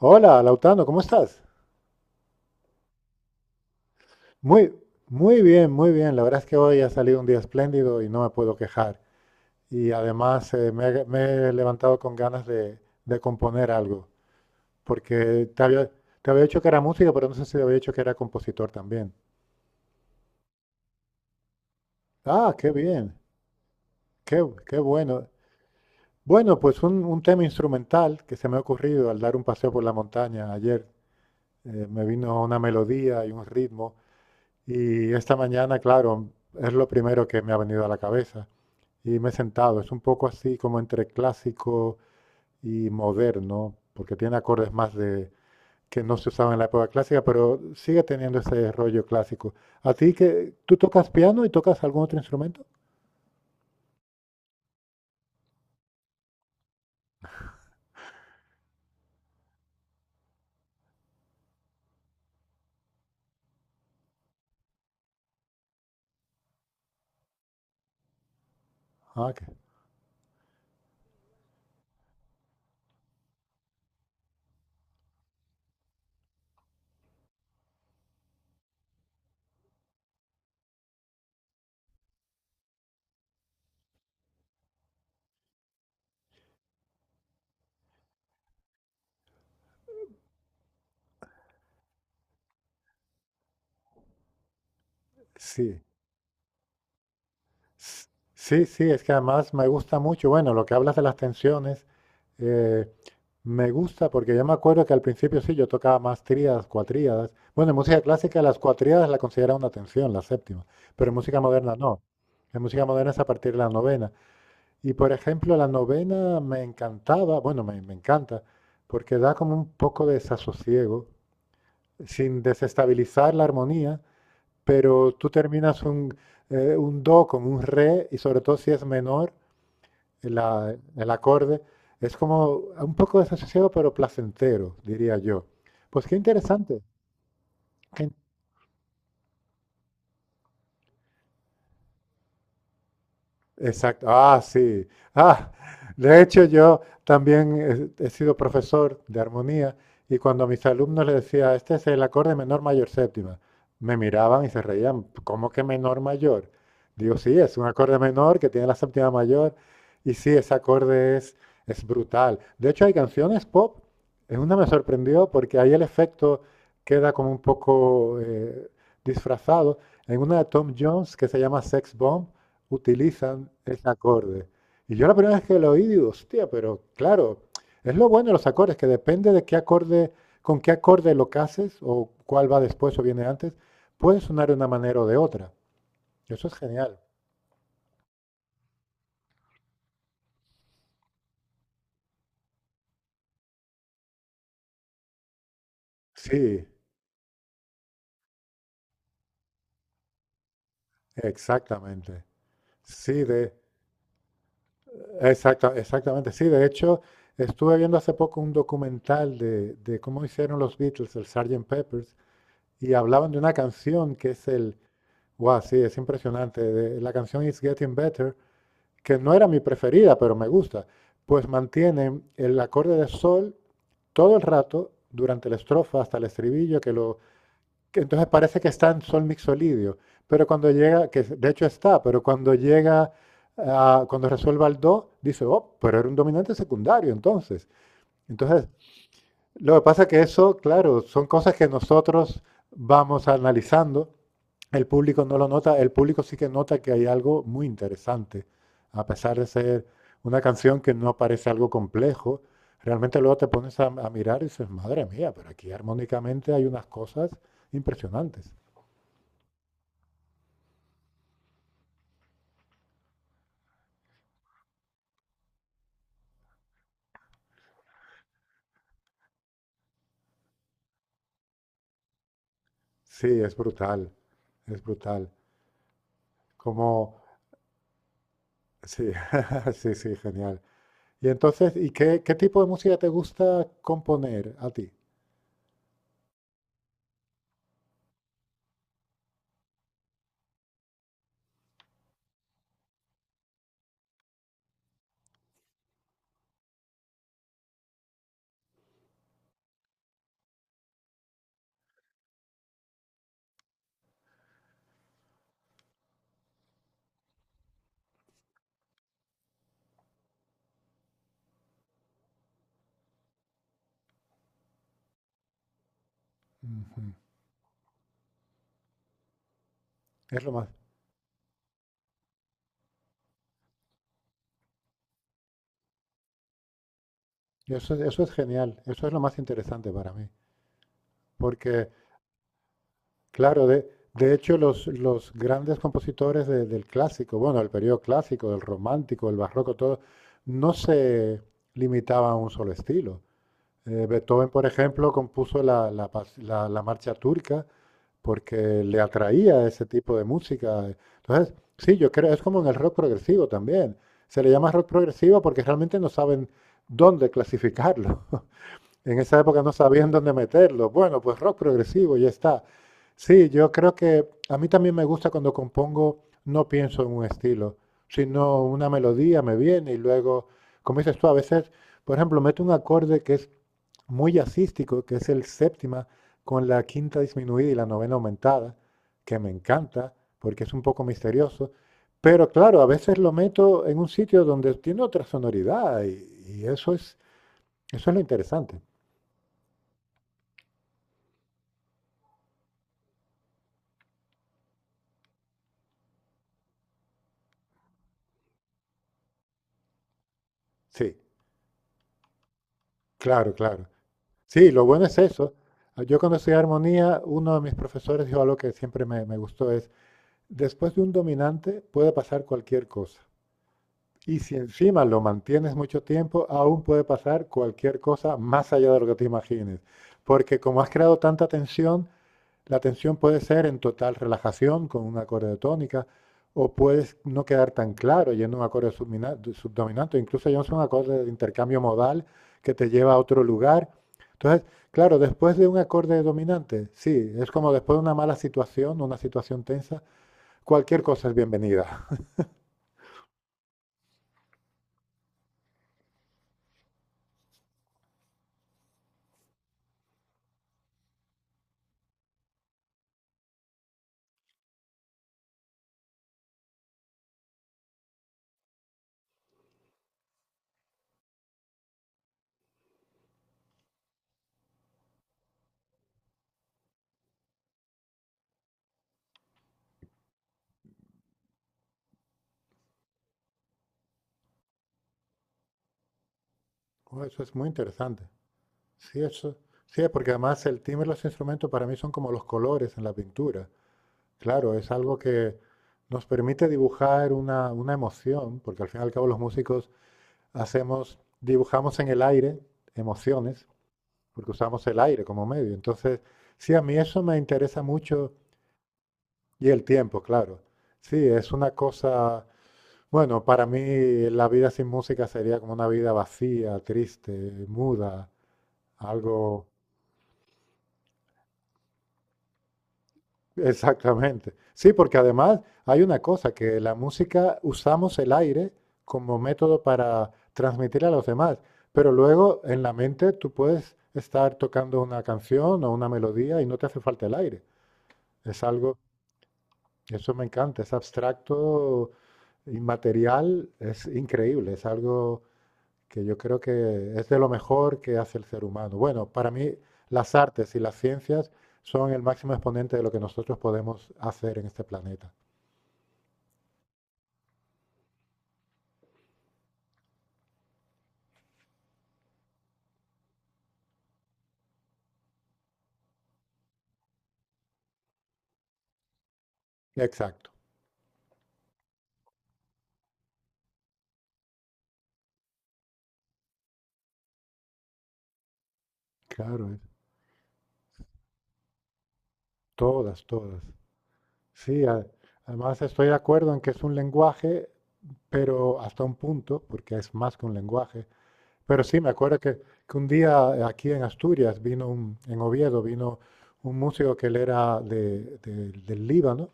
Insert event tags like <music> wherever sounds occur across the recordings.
Hola, Lautano, ¿cómo estás? Muy, muy bien, muy bien. La verdad es que hoy ha salido un día espléndido y no me puedo quejar. Y además me he levantado con ganas de, componer algo, porque te había dicho que era música, pero no sé si te había dicho que era compositor también. Ah, qué bien, qué bueno. Bueno, pues un tema instrumental que se me ha ocurrido al dar un paseo por la montaña ayer. Me vino una melodía y un ritmo. Y esta mañana, claro, es lo primero que me ha venido a la cabeza. Y me he sentado. Es un poco así como entre clásico y moderno, porque tiene acordes más de que no se usaban en la época clásica, pero sigue teniendo ese rollo clásico. ¿A ti que tú tocas piano y tocas algún otro instrumento? Ah, que sí. S- Sí, sí, es que además me gusta mucho, bueno, lo que hablas de las tensiones. Eh, Me gusta porque yo me acuerdo que al principio sí, yo tocaba más tríadas, cuatríadas. Bueno, en música clásica las cuatríadas la considera una tensión, la séptima, pero en música moderna no. En música moderna es a partir de la novena. Y por ejemplo, la novena me encantaba, bueno, me encanta, porque da como un poco de desasosiego, sin desestabilizar la armonía, pero tú terminas un do con un re, y sobre todo si es menor, el acorde, es como un poco desasociado, pero placentero, diría yo. Pues qué interesante, qué interesante. Exacto. Ah, sí. Ah, de hecho, yo también he sido profesor de armonía y cuando a mis alumnos les decía, este es el acorde menor mayor séptima, me miraban y se reían, ¿cómo que menor mayor? Digo, sí, es un acorde menor que tiene la séptima mayor y sí, ese acorde es, brutal. De hecho, hay canciones pop, en una me sorprendió porque ahí el efecto queda como un poco disfrazado. En una de Tom Jones que se llama Sex Bomb, utilizan ese acorde. Y yo la primera vez que lo oí, digo, hostia, pero claro, es lo bueno de los acordes, que depende de qué acorde, con qué acorde lo cases, o cuál va después o viene antes, puede sonar de una manera o de otra. Eso es genial. Sí, exactamente. Sí, exactamente. Sí, de hecho, estuve viendo hace poco un documental de cómo hicieron los Beatles, el Sgt. Peppers, y hablaban de una canción que es el... Guau, sí, es impresionante. La canción It's Getting Better, que no era mi preferida, pero me gusta, pues mantienen el acorde de sol todo el rato, durante la estrofa hasta el estribillo, que entonces parece que está en sol mixolidio, pero cuando llega, que de hecho está, pero cuando llega, cuando resuelva el do, dice, oh, pero era un dominante secundario entonces. Entonces, lo que pasa es que eso, claro, son cosas que nosotros vamos analizando. El público no lo nota, el público sí que nota que hay algo muy interesante, a pesar de ser una canción que no parece algo complejo. Realmente luego te pones a mirar y dices, madre mía, pero aquí armónicamente hay unas cosas impresionantes. Sí, es brutal, es brutal. Como, sí, <laughs> sí, sí, genial. Y entonces, ¿y qué, tipo de música te gusta componer a ti? Ujú. Es lo más. Eso es genial, eso es lo más interesante para mí, porque claro, de hecho los grandes compositores del clásico, bueno, del periodo clásico, del romántico, del barroco, todo, no se limitaban a un solo estilo. Beethoven, por ejemplo, compuso la marcha turca porque le atraía ese tipo de música. Entonces, sí, yo creo, es como en el rock progresivo también. Se le llama rock progresivo porque realmente no saben dónde clasificarlo. <laughs> En esa época no sabían dónde meterlo. Bueno, pues rock progresivo, ya está. Sí, yo creo que a mí también me gusta cuando compongo, no pienso en un estilo, sino una melodía me viene y luego, como dices tú, a veces, por ejemplo, meto un acorde que es muy jazzístico, que es el séptima, con la quinta disminuida y la novena aumentada, que me encanta, porque es un poco misterioso. Pero claro, a veces lo meto en un sitio donde tiene otra sonoridad y eso es lo interesante. Sí. Claro, claro. Sí, lo bueno es eso. Ah, yo cuando estudié armonía, uno de mis profesores dijo algo que siempre me gustó, es, después de un dominante puede pasar cualquier cosa. Y si encima lo mantienes mucho tiempo, aún puede pasar cualquier cosa más allá de lo que te imagines. Porque como has creado tanta tensión, la tensión puede ser en total relajación con un acorde de tónica, o puedes no quedar tan claro yendo a un acorde subdominante, incluso yendo a un acorde de intercambio modal que te lleva a otro lugar. Entonces, claro, después de un acorde dominante, sí, es como después de una mala situación, una situación tensa, cualquier cosa es bienvenida. Oh, eso es muy interesante. Sí, eso, sí, porque además el timbre de los instrumentos para mí son como los colores en la pintura. Claro, es algo que nos permite dibujar una emoción, porque al fin y al cabo los músicos dibujamos en el aire emociones, porque usamos el aire como medio. Entonces, sí, a mí eso me interesa mucho y el tiempo, claro. Sí, es una cosa, bueno, para mí la vida sin música sería como una vida vacía, triste, muda, algo... Exactamente. Sí, porque además hay una cosa, que la música usamos el aire como método para transmitir a los demás, pero luego en la mente tú puedes estar tocando una canción o una melodía y no te hace falta el aire. Es algo, eso me encanta, es abstracto, inmaterial, es increíble, es algo que yo creo que es de lo mejor que hace el ser humano. Bueno, para mí las artes y las ciencias son el máximo exponente de lo que nosotros podemos hacer en este planeta. Exacto, claro, todas, todas. Sí, además estoy de acuerdo en que es un lenguaje, pero hasta un punto, porque es más que un lenguaje. Pero sí, me acuerdo que, un día aquí en Asturias vino un, en Oviedo, vino un músico que él era del Líbano,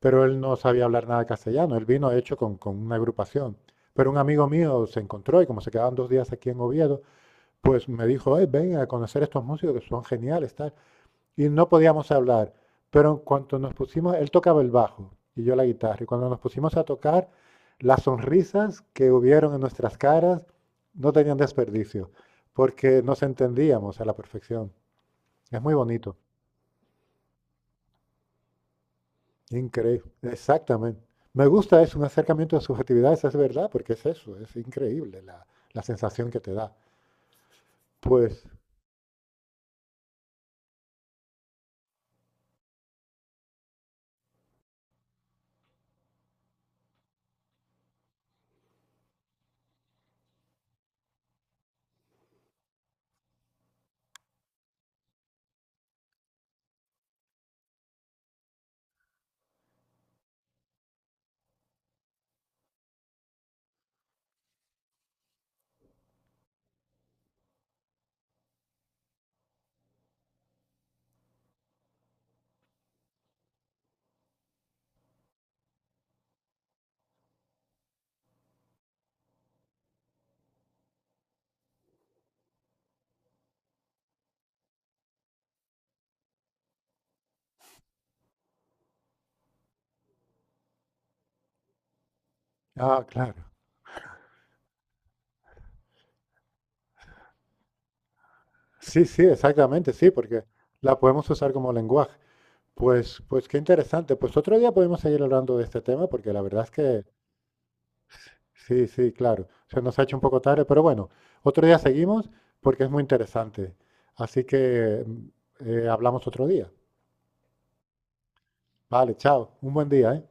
pero él no sabía hablar nada de castellano. Él vino, de hecho, con una agrupación. Pero un amigo mío se encontró y como se quedaban dos días aquí en Oviedo, pues me dijo, ven a conocer estos músicos que son geniales, tal." Y no podíamos hablar, pero en cuanto nos pusimos, él tocaba el bajo y yo la guitarra, y cuando nos pusimos a tocar, las sonrisas que hubieron en nuestras caras no tenían desperdicio, porque nos entendíamos a la perfección. Es muy bonito, increíble, exactamente. Me gusta, es un acercamiento de subjetividad, esa es verdad, porque es eso, es increíble la, sensación que te da. Pues, ah, claro. Sí, sí, exactamente, sí, porque la podemos usar como lenguaje. Pues qué interesante. Pues otro día podemos seguir hablando de este tema porque la verdad es que sí, sí, claro. Se nos ha hecho un poco tarde, pero bueno, otro día seguimos porque es muy interesante. Así que hablamos otro día. Vale, chao. Un buen día, ¿eh?